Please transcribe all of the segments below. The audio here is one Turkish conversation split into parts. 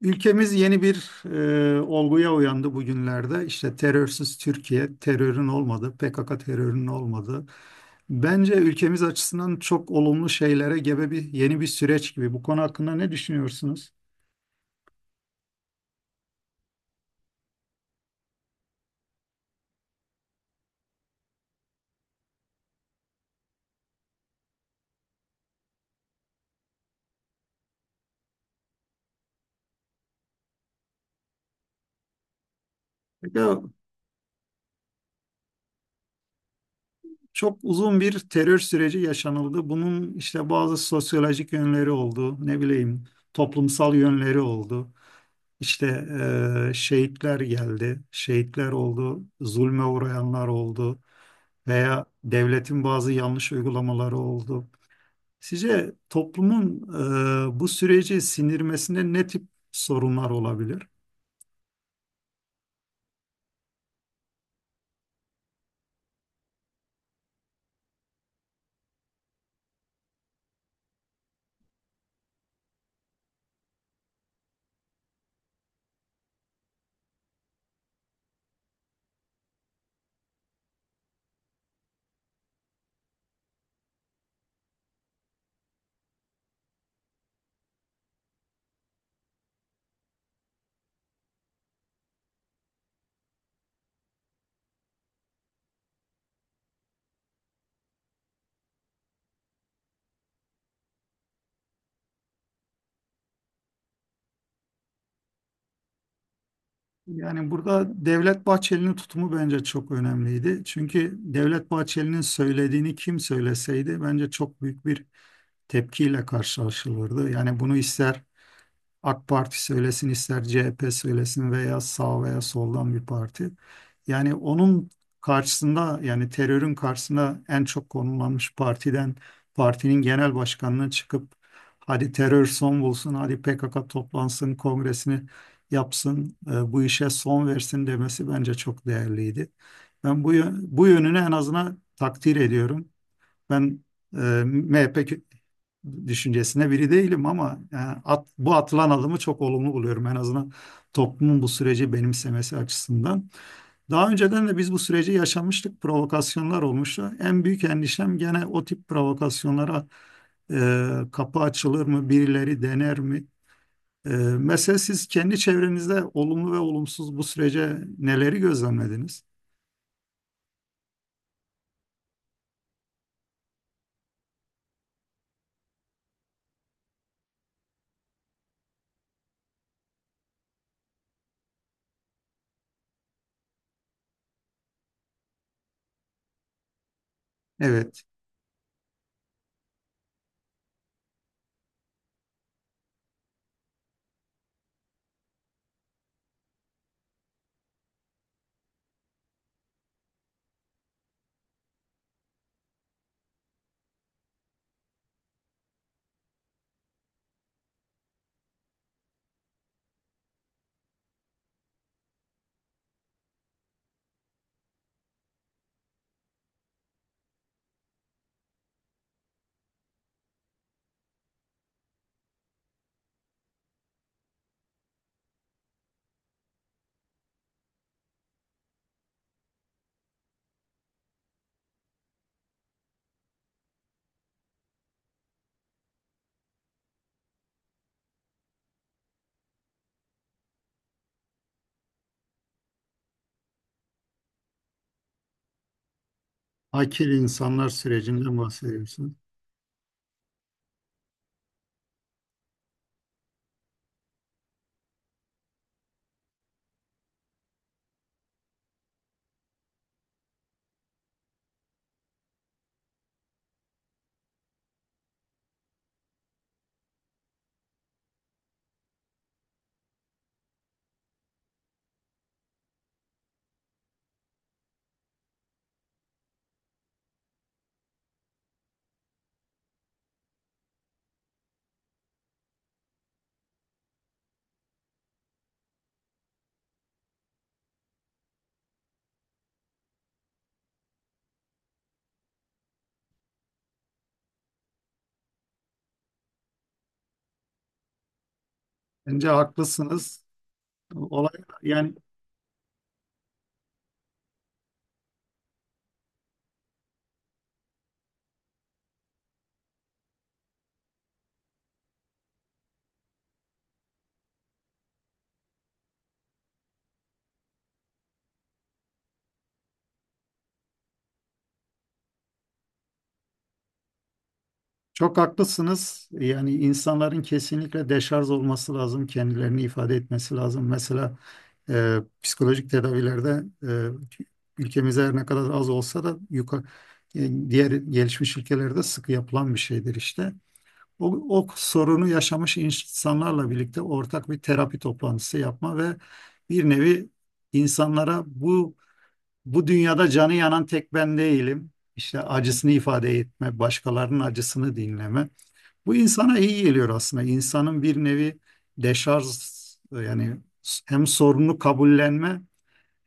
Ülkemiz yeni bir olguya uyandı bugünlerde. İşte terörsüz Türkiye, terörün olmadı, PKK terörünün olmadı. Bence ülkemiz açısından çok olumlu şeylere gebe bir yeni bir süreç gibi. Bu konu hakkında ne düşünüyorsunuz? Ya, Çok uzun bir terör süreci yaşanıldı. Bunun işte bazı sosyolojik yönleri oldu, ne bileyim toplumsal yönleri oldu. İşte şehitler geldi, şehitler oldu, zulme uğrayanlar oldu veya devletin bazı yanlış uygulamaları oldu. Sizce toplumun bu süreci sindirmesinde ne tip sorunlar olabilir? Yani burada Devlet Bahçeli'nin tutumu bence çok önemliydi. Çünkü Devlet Bahçeli'nin söylediğini kim söyleseydi bence çok büyük bir tepkiyle karşılaşılırdı. Yani bunu ister AK Parti söylesin ister CHP söylesin veya sağ veya soldan bir parti. Yani onun karşısında, yani terörün karşısında, en çok konumlanmış partiden, partinin genel başkanına çıkıp hadi terör son bulsun, hadi PKK toplansın, kongresini yapsın, bu işe son versin demesi bence çok değerliydi. Ben bu, bu yönünü en azından takdir ediyorum. Ben e, MHP düşüncesine biri değilim, ama yani bu atılan adımı çok olumlu buluyorum. En azından toplumun bu süreci benimsemesi açısından. Daha önceden de biz bu süreci yaşamıştık. Provokasyonlar olmuştu. En büyük endişem gene o tip provokasyonlara kapı açılır mı, birileri dener mi? Ee, Mesela siz kendi çevrenizde olumlu ve olumsuz bu sürece neleri gözlemlediniz? Evet, akil insanlar sürecinden bahsediyorsunuz. Bence haklısınız. Olay yani. Çok haklısınız. Yani insanların kesinlikle deşarj olması lazım, kendilerini ifade etmesi lazım. Mesela psikolojik tedavilerde, ülkemizde her ne kadar az olsa da yukarı, diğer gelişmiş ülkelerde sıkı yapılan bir şeydir işte. O, o sorunu yaşamış insanlarla birlikte ortak bir terapi toplantısı yapma ve bir nevi insanlara bu, bu dünyada canı yanan tek ben değilim. İşte acısını ifade etme, başkalarının acısını dinleme. Bu insana iyi geliyor aslında. İnsanın bir nevi deşarj, yani hem sorunu kabullenme,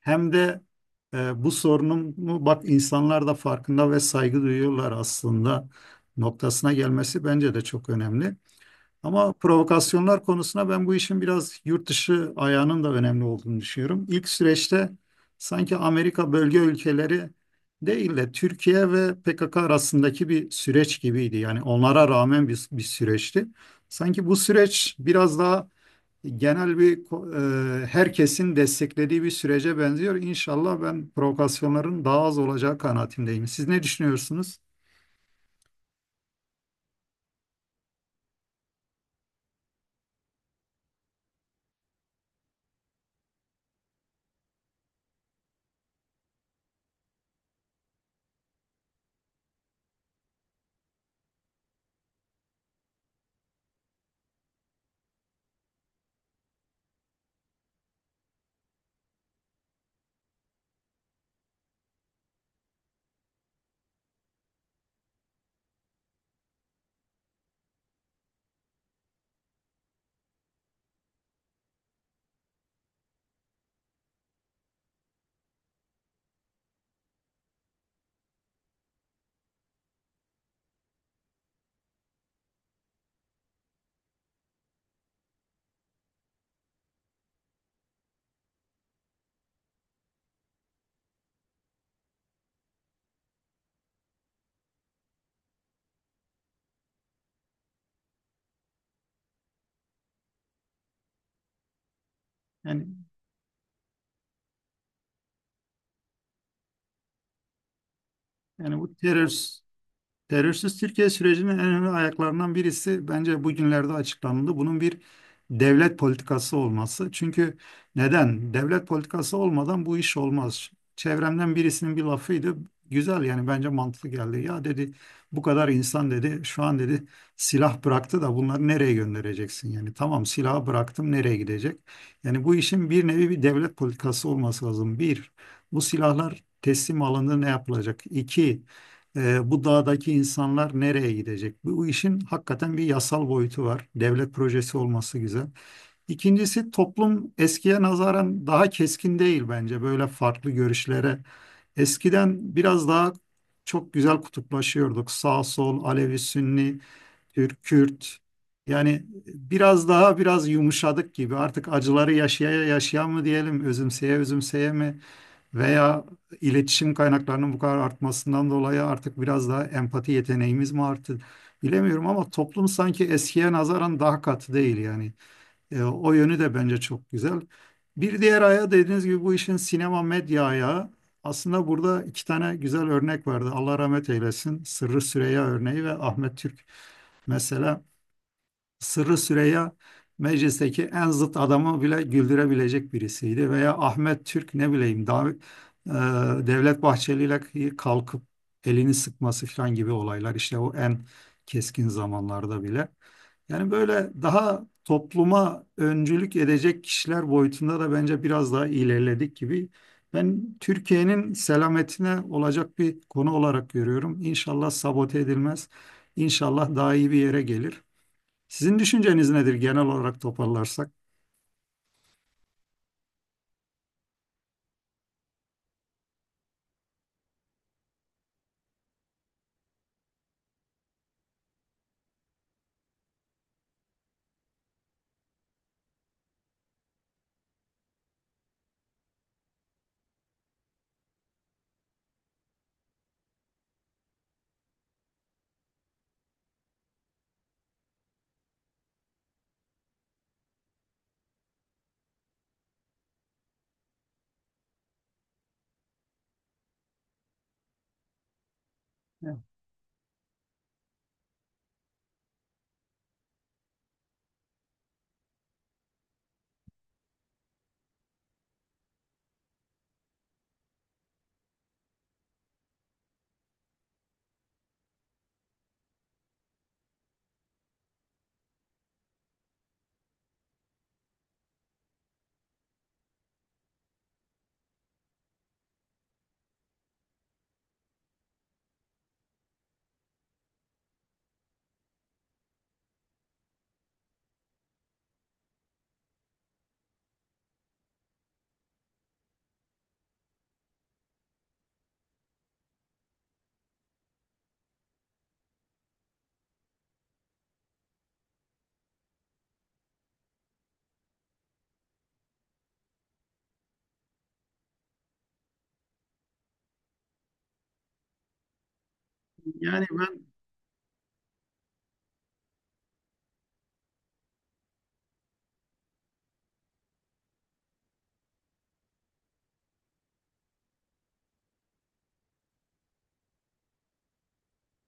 hem de bu sorunumu bak insanlar da farkında ve saygı duyuyorlar aslında noktasına gelmesi bence de çok önemli. Ama provokasyonlar konusuna, ben bu işin biraz yurt dışı ayağının da önemli olduğunu düşünüyorum. İlk süreçte sanki Amerika bölge ülkeleri değil de Türkiye ve PKK arasındaki bir süreç gibiydi. Yani onlara rağmen bir süreçti. Sanki bu süreç biraz daha genel bir herkesin desteklediği bir sürece benziyor. İnşallah ben provokasyonların daha az olacağı kanaatindeyim. Siz ne düşünüyorsunuz? Yani yani bu terör. Terörsüz Türkiye sürecinin en önemli ayaklarından birisi bence bugünlerde açıklandı. Bunun bir devlet politikası olması. Çünkü neden? Devlet politikası olmadan bu iş olmaz. Çevremden birisinin bir lafıydı. Güzel, yani bence mantıklı geldi. Ya dedi, bu kadar insan dedi, şu an dedi silah bıraktı da bunları nereye göndereceksin? Yani tamam, silahı bıraktım, nereye gidecek? Yani bu işin bir nevi bir devlet politikası olması lazım. Bir, bu silahlar teslim alındı, ne yapılacak? İki, bu dağdaki insanlar nereye gidecek? Bu işin hakikaten bir yasal boyutu var. Devlet projesi olması güzel. İkincisi, toplum eskiye nazaran daha keskin değil bence böyle farklı görüşlere. Eskiden biraz daha çok güzel kutuplaşıyorduk. Sağ sol, Alevi, Sünni, Türk, Kürt. Yani biraz daha biraz yumuşadık gibi. Artık acıları yaşaya yaşaya mı diyelim, özümseye özümseye mi? Veya iletişim kaynaklarının bu kadar artmasından dolayı artık biraz daha empati yeteneğimiz mi arttı bilemiyorum, ama toplum sanki eskiye nazaran daha katı değil yani. O yönü de bence çok güzel. Bir diğer ayağı, dediğiniz gibi, bu işin sinema medya ayağı. Aslında burada iki tane güzel örnek vardı. Allah rahmet eylesin. Sırrı Süreyya örneği ve Ahmet Türk. Mesela Sırrı Süreyya meclisteki en zıt adamı bile güldürebilecek birisiydi. Veya Ahmet Türk, ne bileyim, daha Devlet Bahçeli ile kalkıp elini sıkması falan gibi olaylar, işte o en keskin zamanlarda bile. Yani böyle daha topluma öncülük edecek kişiler boyutunda da bence biraz daha ilerledik gibi. Ben Türkiye'nin selametine olacak bir konu olarak görüyorum. İnşallah sabote edilmez. İnşallah daha iyi bir yere gelir. Sizin düşünceniz nedir, genel olarak toparlarsak? Evet. Yani ben,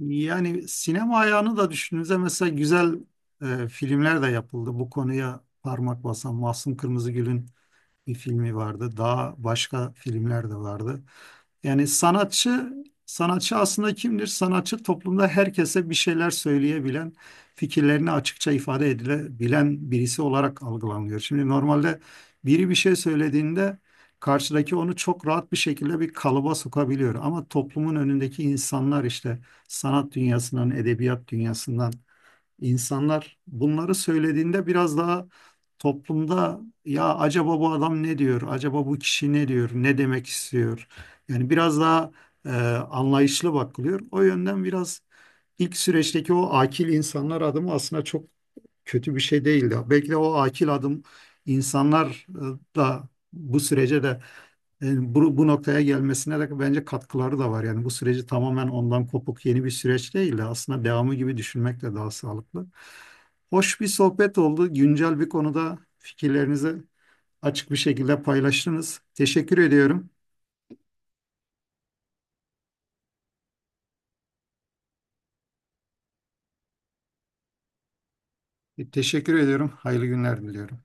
yani sinema ayağını da düşündüğünüzde mesela güzel filmler de yapıldı. Bu konuya parmak basan Mahsun Kırmızıgül'ün bir filmi vardı. Daha başka filmler de vardı. Yani sanatçı, sanatçı aslında kimdir? Sanatçı toplumda herkese bir şeyler söyleyebilen, fikirlerini açıkça ifade edilebilen birisi olarak algılanıyor. Şimdi normalde biri bir şey söylediğinde karşıdaki onu çok rahat bir şekilde bir kalıba sokabiliyor. Ama toplumun önündeki insanlar, işte sanat dünyasından, edebiyat dünyasından İnsanlar bunları söylediğinde biraz daha toplumda ya acaba bu adam ne diyor, acaba bu kişi ne diyor, ne demek istiyor? Yani biraz daha e, anlayışlı bakılıyor. O yönden biraz ilk süreçteki o akil insanlar adımı aslında çok kötü bir şey değildi. Belki de o akil adım insanlar da bu sürece de bu noktaya gelmesine de bence katkıları da var. Yani bu süreci tamamen ondan kopuk yeni bir süreç değil de aslında devamı gibi düşünmek de daha sağlıklı. Hoş bir sohbet oldu. Güncel bir konuda fikirlerinizi açık bir şekilde paylaştınız. Teşekkür ediyorum. Teşekkür ediyorum. Hayırlı günler diliyorum.